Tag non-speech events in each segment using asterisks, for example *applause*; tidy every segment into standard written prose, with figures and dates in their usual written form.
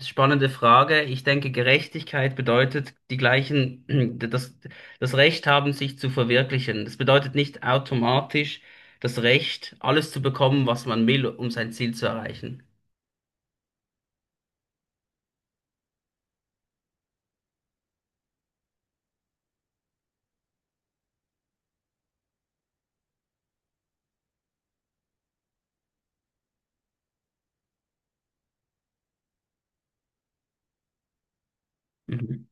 Spannende Frage. Ich denke, Gerechtigkeit bedeutet die gleichen, *clears throat* das, das Recht haben, sich zu verwirklichen. Das bedeutet nicht automatisch das Recht, alles zu bekommen, was man will, um sein Ziel zu erreichen. Mhm.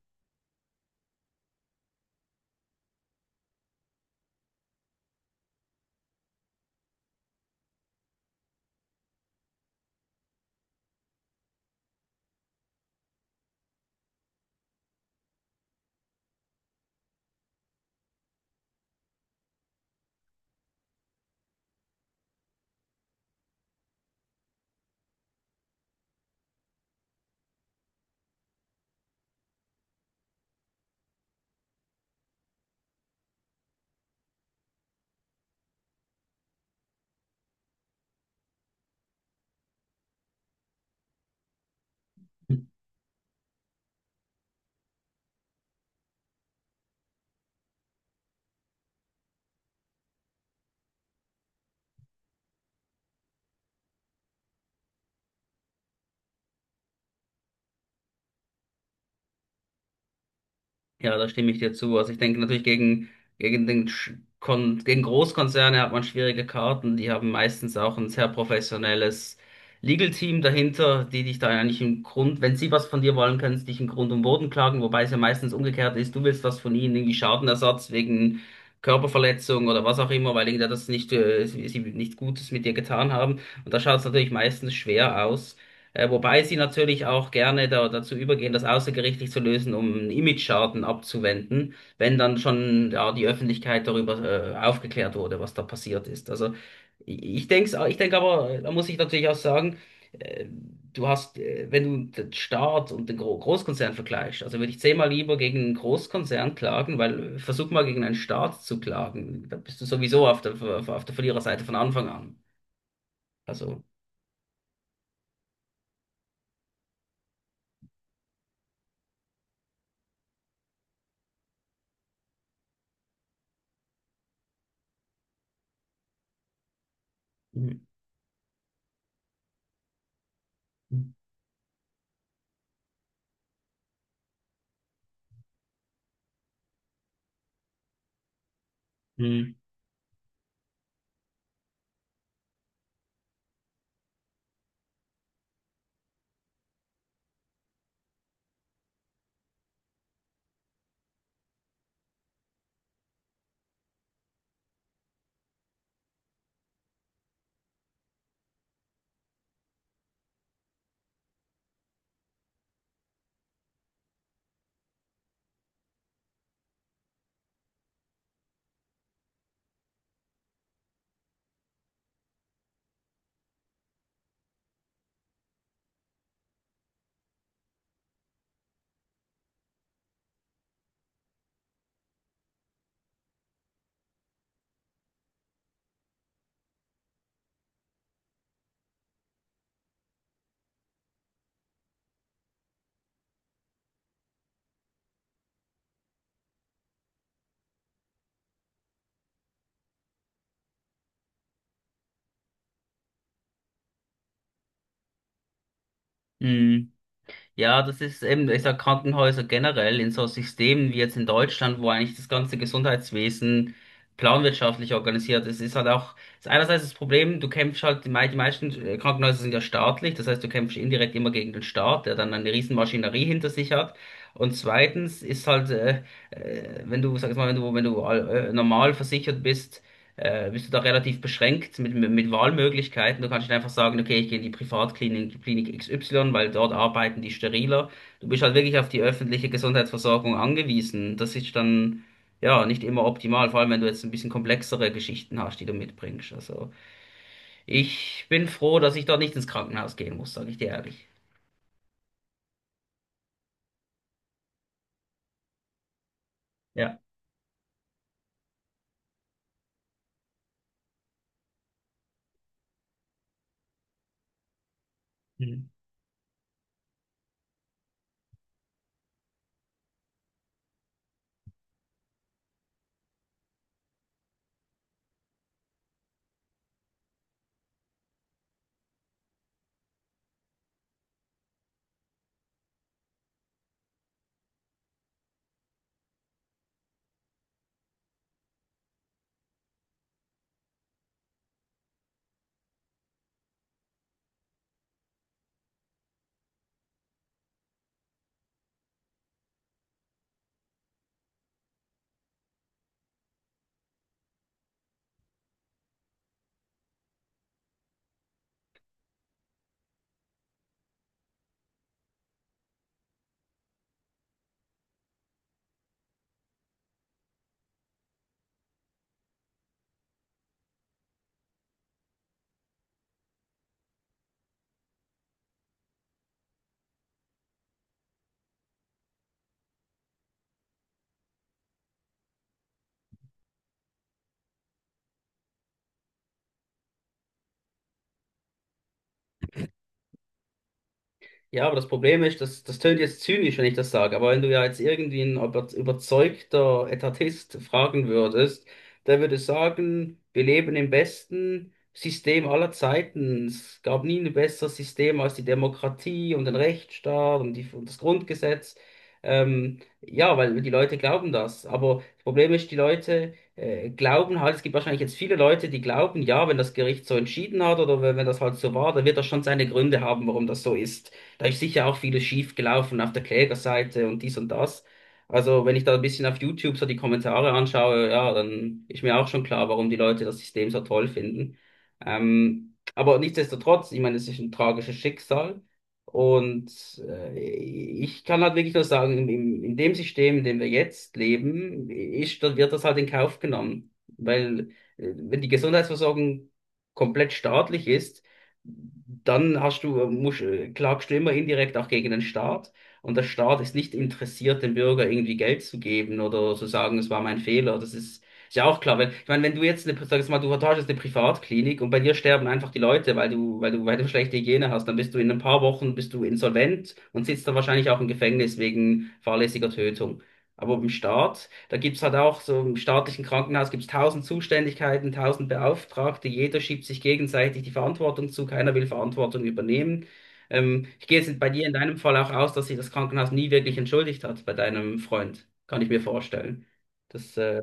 Ja, da stimme ich dir zu. Also ich denke natürlich gegen Großkonzerne hat man schwierige Karten. Die haben meistens auch ein sehr professionelles Legal Team dahinter, die dich da eigentlich im Grund, wenn sie was von dir wollen, können sie dich im Grund und Boden klagen, wobei es ja meistens umgekehrt ist, du willst was von ihnen, irgendwie Schadenersatz wegen Körperverletzung oder was auch immer, weil irgendwer das nicht, sie nichts Gutes mit dir getan haben. Und da schaut es natürlich meistens schwer aus. Wobei sie natürlich auch gerne da, dazu übergehen, das außergerichtlich zu lösen, um einen Imageschaden abzuwenden, wenn dann schon ja, die Öffentlichkeit darüber aufgeklärt wurde, was da passiert ist. Also ich, denke, ich denk aber, da muss ich natürlich auch sagen, äh, du hast, wenn du den Staat und den Großkonzern vergleichst, also würde ich zehnmal lieber gegen einen Großkonzern klagen, weil versuch mal gegen einen Staat zu klagen, da bist du sowieso auf der Verliererseite von Anfang an. Also. Mhm. Mhm. Mhm. Ja, das ist eben, ich sag Krankenhäuser generell in so Systemen wie jetzt in Deutschland, wo eigentlich das ganze Gesundheitswesen planwirtschaftlich organisiert ist, ist halt auch, ist einerseits das Problem, du kämpfst halt, die meisten Krankenhäuser sind ja staatlich, das heißt, du kämpfst indirekt immer gegen den Staat, der dann eine riesen Maschinerie hinter sich hat. Und zweitens ist halt, wenn du, sag ich mal, wenn du, wenn du normal versichert bist, bist du da relativ beschränkt mit Wahlmöglichkeiten. Du kannst nicht einfach sagen, okay, ich gehe in die Privatklinik Klinik XY, weil dort arbeiten die steriler. Du bist halt wirklich auf die öffentliche Gesundheitsversorgung angewiesen. Das ist dann ja nicht immer optimal, vor allem wenn du jetzt ein bisschen komplexere Geschichten hast, die du mitbringst. Also ich bin froh, dass ich dort nicht ins Krankenhaus gehen muss, sage ich dir ehrlich. Ja. Ja, aber das Problem ist, das tönt jetzt zynisch, wenn ich das sage, aber wenn du ja jetzt irgendwie ein überzeugter Etatist fragen würdest, der würde sagen, wir leben im besten System aller Zeiten. Es gab nie ein besseres System als die Demokratie und den Rechtsstaat und das Grundgesetz. Ja, weil die Leute glauben das. Aber das Problem ist, die Leute glauben halt, es gibt wahrscheinlich jetzt viele Leute, die glauben, ja, wenn das Gericht so entschieden hat oder wenn das halt so war, dann wird das schon seine Gründe haben, warum das so ist. Da ist sicher auch vieles schief gelaufen auf der Klägerseite und dies und das. Also wenn ich da ein bisschen auf YouTube so die Kommentare anschaue, ja, dann ist mir auch schon klar, warum die Leute das System so toll finden. Aber nichtsdestotrotz, ich meine, es ist ein tragisches Schicksal. Und ich kann halt wirklich nur sagen, in dem System, in dem wir jetzt leben, ist, da wird das halt in Kauf genommen. Weil wenn die Gesundheitsversorgung komplett staatlich ist, dann hast du, musst, klagst du immer indirekt auch gegen den Staat. Und der Staat ist nicht interessiert, dem Bürger irgendwie Geld zu geben oder zu sagen, es war mein Fehler. Das ist ja auch klar. Wenn, ich meine, wenn du jetzt eine, sag jetzt mal, du hast jetzt eine Privatklinik und bei dir sterben einfach die Leute, weil du schlechte Hygiene hast, dann bist du in ein paar Wochen bist du insolvent und sitzt dann wahrscheinlich auch im Gefängnis wegen fahrlässiger Tötung. Aber im Staat, da gibt's halt auch so im staatlichen Krankenhaus gibt's tausend Zuständigkeiten, tausend Beauftragte, jeder schiebt sich gegenseitig die Verantwortung zu, keiner will Verantwortung übernehmen. Ich gehe jetzt bei dir in deinem Fall auch aus, dass sich das Krankenhaus nie wirklich entschuldigt hat bei deinem Freund. Kann ich mir vorstellen. Das,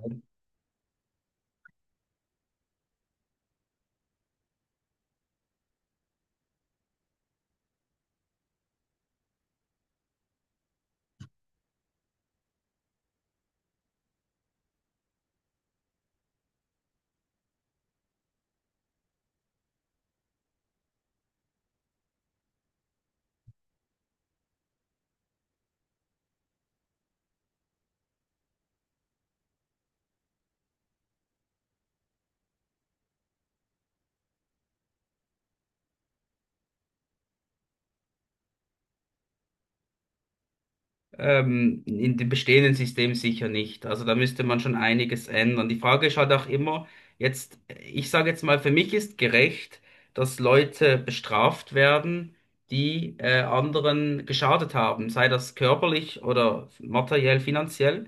In dem bestehenden System sicher nicht. Also da müsste man schon einiges ändern. Die Frage ist halt auch immer, jetzt, ich sage jetzt mal, für mich ist gerecht, dass Leute bestraft werden, die anderen geschadet haben, sei das körperlich oder materiell, finanziell.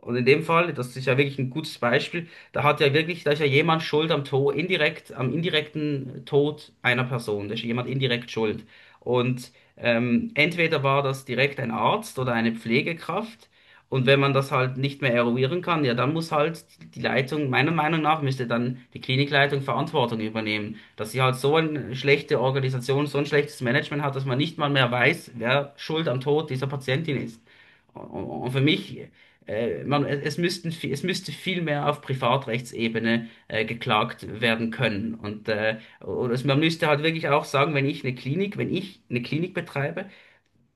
Und in dem Fall, das ist ja wirklich ein gutes Beispiel, da hat ja wirklich, da ist ja jemand schuld am Tod, indirekt, am indirekten Tod einer Person. Da ist jemand indirekt schuld. Und entweder war das direkt ein Arzt oder eine Pflegekraft. Und wenn man das halt nicht mehr eruieren kann, ja, dann muss halt die Leitung, meiner Meinung nach, müsste dann die Klinikleitung Verantwortung übernehmen, dass sie halt so eine schlechte Organisation, so ein schlechtes Management hat, dass man nicht mal mehr weiß, wer schuld am Tod dieser Patientin ist. Und für mich, man, es müssten, es müsste viel mehr auf Privatrechtsebene geklagt werden können. Und also man müsste halt wirklich auch sagen, wenn ich eine Klinik betreibe,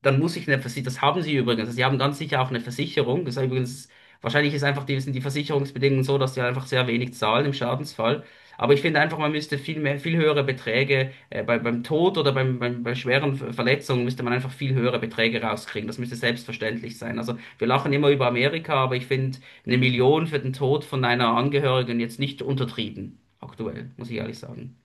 dann muss ich eine Versicherung, das haben sie übrigens, also sie haben ganz sicher auch eine Versicherung. Das ist übrigens, wahrscheinlich ist einfach die, sind die Versicherungsbedingungen so, dass sie einfach sehr wenig zahlen im Schadensfall. Aber ich finde einfach, man müsste viel mehr, viel höhere Beträge, beim Tod oder bei schweren Verletzungen müsste man einfach viel höhere Beträge rauskriegen. Das müsste selbstverständlich sein. Also wir lachen immer über Amerika, aber ich finde 1 Million für den Tod von einer Angehörigen jetzt nicht untertrieben. Aktuell, muss ich ehrlich sagen.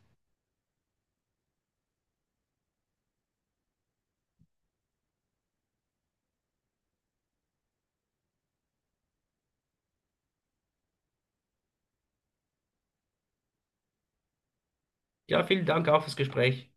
Ja, vielen Dank auch fürs Gespräch.